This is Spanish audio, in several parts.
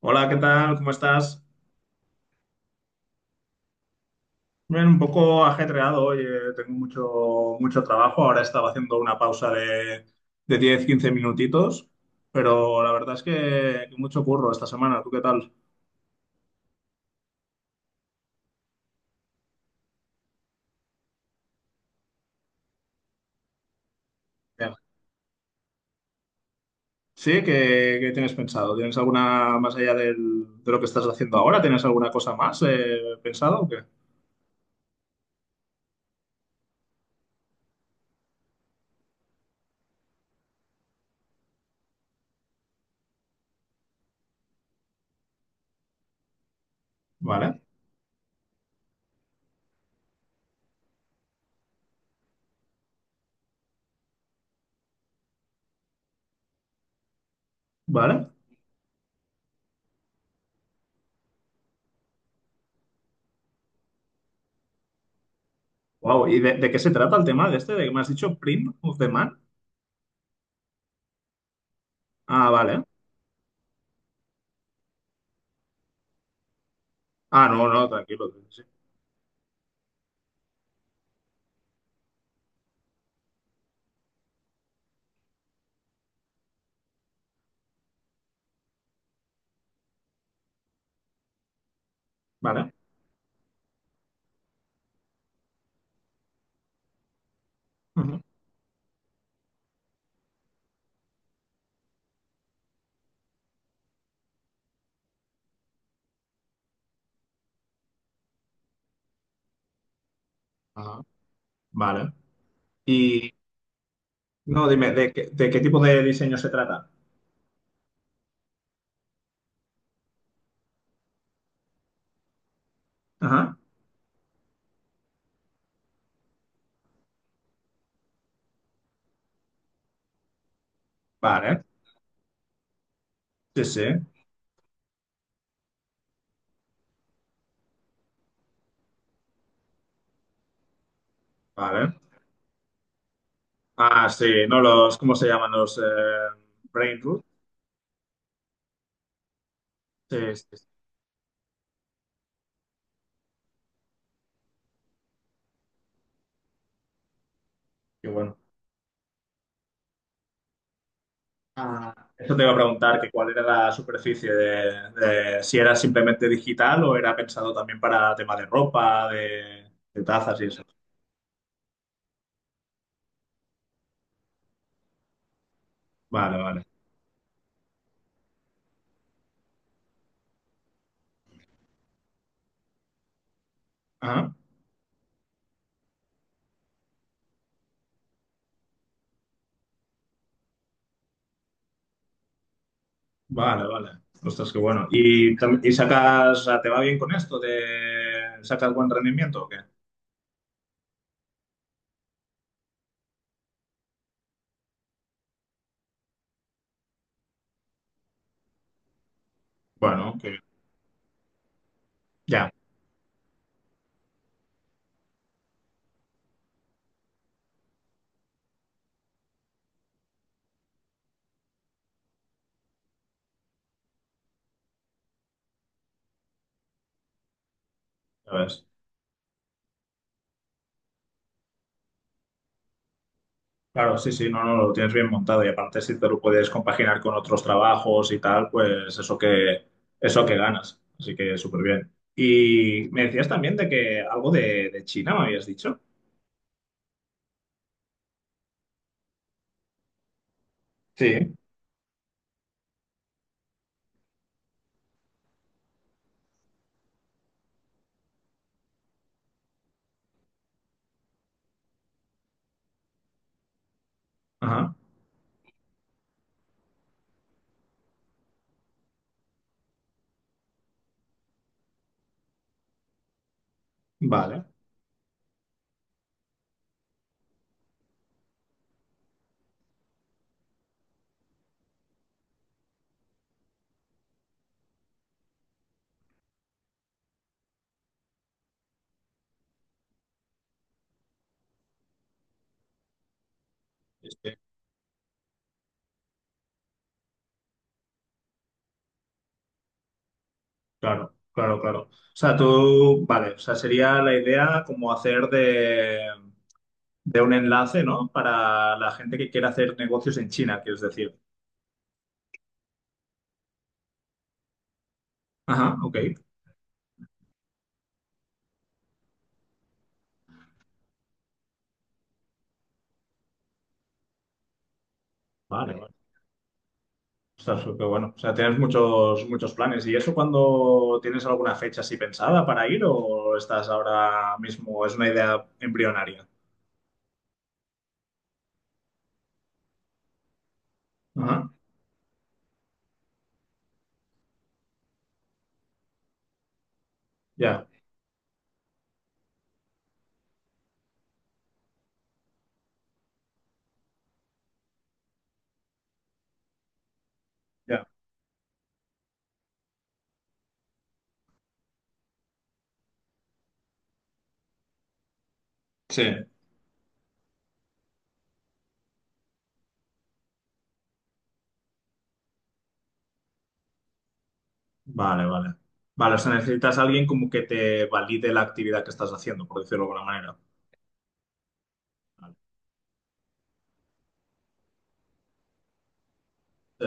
Hola, ¿qué tal? ¿Cómo estás? Bien, un poco ajetreado hoy, tengo mucho trabajo. Ahora estaba haciendo una pausa de diez, quince minutitos, pero la verdad es que mucho curro esta semana. ¿Tú qué tal? Bien. Sí, ¿qué tienes pensado? ¿Tienes alguna más allá de lo que estás haciendo ahora? ¿Tienes alguna cosa más pensado o qué? Vale, vale. Wow, ¿y de qué se trata el tema de este? ¿De que me has dicho Print of the Man? Ah, vale. Ah, no, no, tranquilo. Sí. Vale. Ujú. Ah, vale. Y no, dime, ¿de qué tipo de diseño se trata? Ajá. Vale, sí, sí, vale. Ah, sí, no los, ¿cómo se llaman los Brain Root? Sí, sí, sí, qué bueno. Ah, eso te iba a preguntar, que cuál era la superficie de, si era simplemente digital o era pensado también para tema de ropa, de tazas y eso. Vale, vale. Ajá. Vale, vale. Ostras, qué bueno. ¿Y, y sacas, o sea, te va bien con esto? ¿Te sacas buen rendimiento o qué? Bueno, que ya. Ya ves. Claro, sí, sí, no, no, lo tienes bien montado y aparte si te lo puedes compaginar con otros trabajos y tal, pues eso que ganas. Así que súper bien. Y me decías también de que algo de China me habías dicho. Sí. Ajá, vale. Este, claro, claro, claro. O sea, tú, vale, o sea, sería la idea como hacer de un enlace, ¿no? Para la gente que quiera hacer negocios en China, quieres decir. Ajá, ok. Vale, vale. Ostras, pero bueno, o sea, tienes muchos, muchos planes. ¿Y eso cuando tienes alguna fecha así pensada para ir o estás ahora mismo? Es una idea embrionaria. Ajá, ya, ya. Sí, vale, vale. Vale, o sea, necesitas a alguien como que te valide la actividad que estás haciendo, por decirlo de alguna manera. Vale, sí,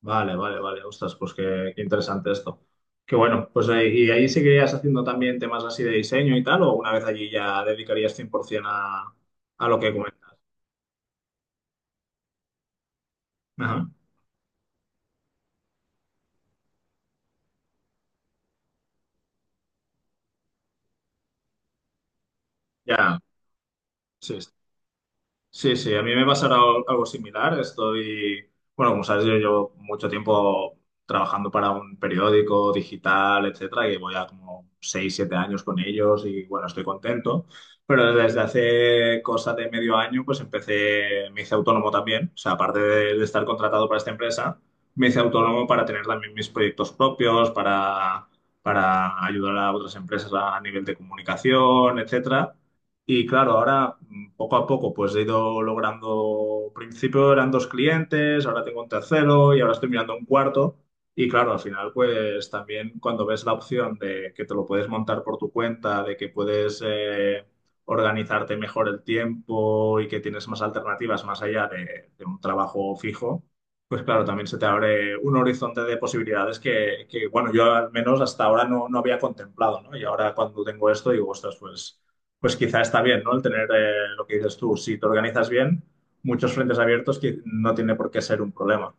vale, vale, vale. Ostras, pues qué interesante esto. Qué bueno, pues ¿y ahí seguirías haciendo también temas así de diseño y tal? ¿O una vez allí ya dedicarías 100% a lo que comentas? Ajá. Ya, sí, sí, sí, a mí me pasará algo similar. Estoy, bueno, como sabes, yo llevo mucho tiempo trabajando para un periódico digital, etcétera, y voy a como 6, 7 años con ellos y bueno, estoy contento. Pero desde hace cosa de medio año, pues empecé, me hice autónomo también. O sea, aparte de estar contratado para esta empresa, me hice autónomo para tener también mis proyectos propios, para ayudar a otras empresas a nivel de comunicación, etcétera. Y claro, ahora poco a poco pues he ido logrando, al principio eran dos clientes, ahora tengo un tercero y ahora estoy mirando un cuarto. Y claro, al final pues también cuando ves la opción de que te lo puedes montar por tu cuenta, de que puedes organizarte mejor el tiempo y que tienes más alternativas más allá de un trabajo fijo, pues claro, también se te abre un horizonte de posibilidades que, bueno, yo al menos hasta ahora no, no había contemplado, ¿no? Y ahora cuando tengo esto digo, ostras, pues quizá está bien, ¿no? El tener lo que dices tú, si te organizas bien, muchos frentes abiertos que no tiene por qué ser un problema.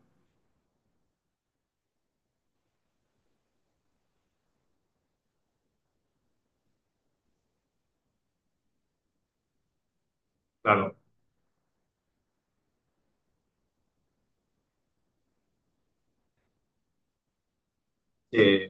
Claro. Mm. Eh,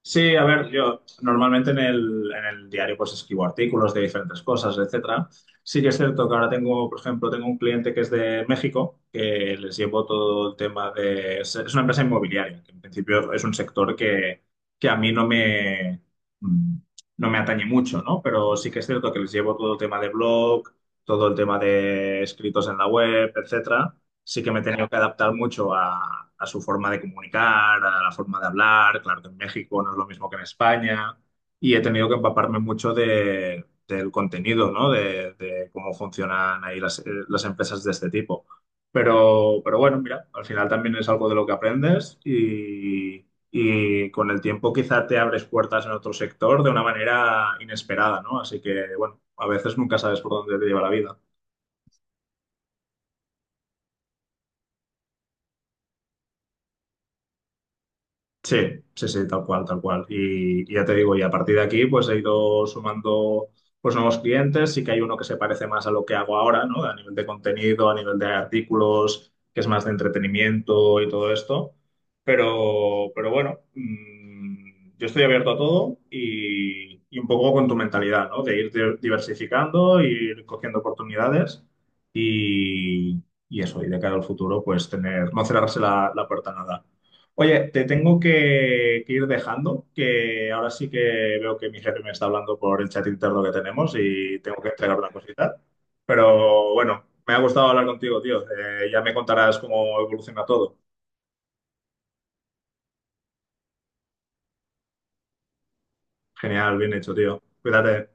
Sí, a ver, yo normalmente en el diario pues escribo artículos de diferentes cosas, etcétera. Sí que es cierto que ahora tengo, por ejemplo, tengo un cliente que es de México, que les llevo todo el tema de... Es una empresa inmobiliaria, que en principio es un sector que a mí no me, mm, no me atañe mucho, ¿no? Pero sí que es cierto que les llevo todo el tema de blog, todo el tema de escritos en la web, etcétera, sí que me he tenido que adaptar mucho a su forma de comunicar, a la forma de hablar. Claro que en México no es lo mismo que en España. Y he tenido que empaparme mucho del contenido, ¿no? De cómo funcionan ahí las empresas de este tipo. Pero bueno, mira, al final también es algo de lo que aprendes y con el tiempo quizá te abres puertas en otro sector de una manera inesperada, ¿no? Así que, bueno, a veces nunca sabes por dónde te lleva la vida. Sí, sí, sí, tal cual, tal cual. Y ya te digo, y a partir de aquí, pues he ido sumando pues, nuevos clientes. Sí que hay uno que se parece más a lo que hago ahora, ¿no? A nivel de contenido, a nivel de artículos, que es más de entretenimiento y todo esto. Pero bueno, yo estoy abierto a todo y un poco con tu mentalidad, ¿no? De ir diversificando, ir cogiendo oportunidades y, y eso, y de cara al futuro, pues tener, no cerrarse la puerta a nada. Oye, te tengo que ir dejando, que ahora sí que veo que mi jefe me está hablando por el chat interno que tenemos y tengo que entregar una cosita. Pero bueno, me ha gustado hablar contigo, tío. Ya me contarás cómo evoluciona todo. Genial, bien hecho, tío. Cuídate.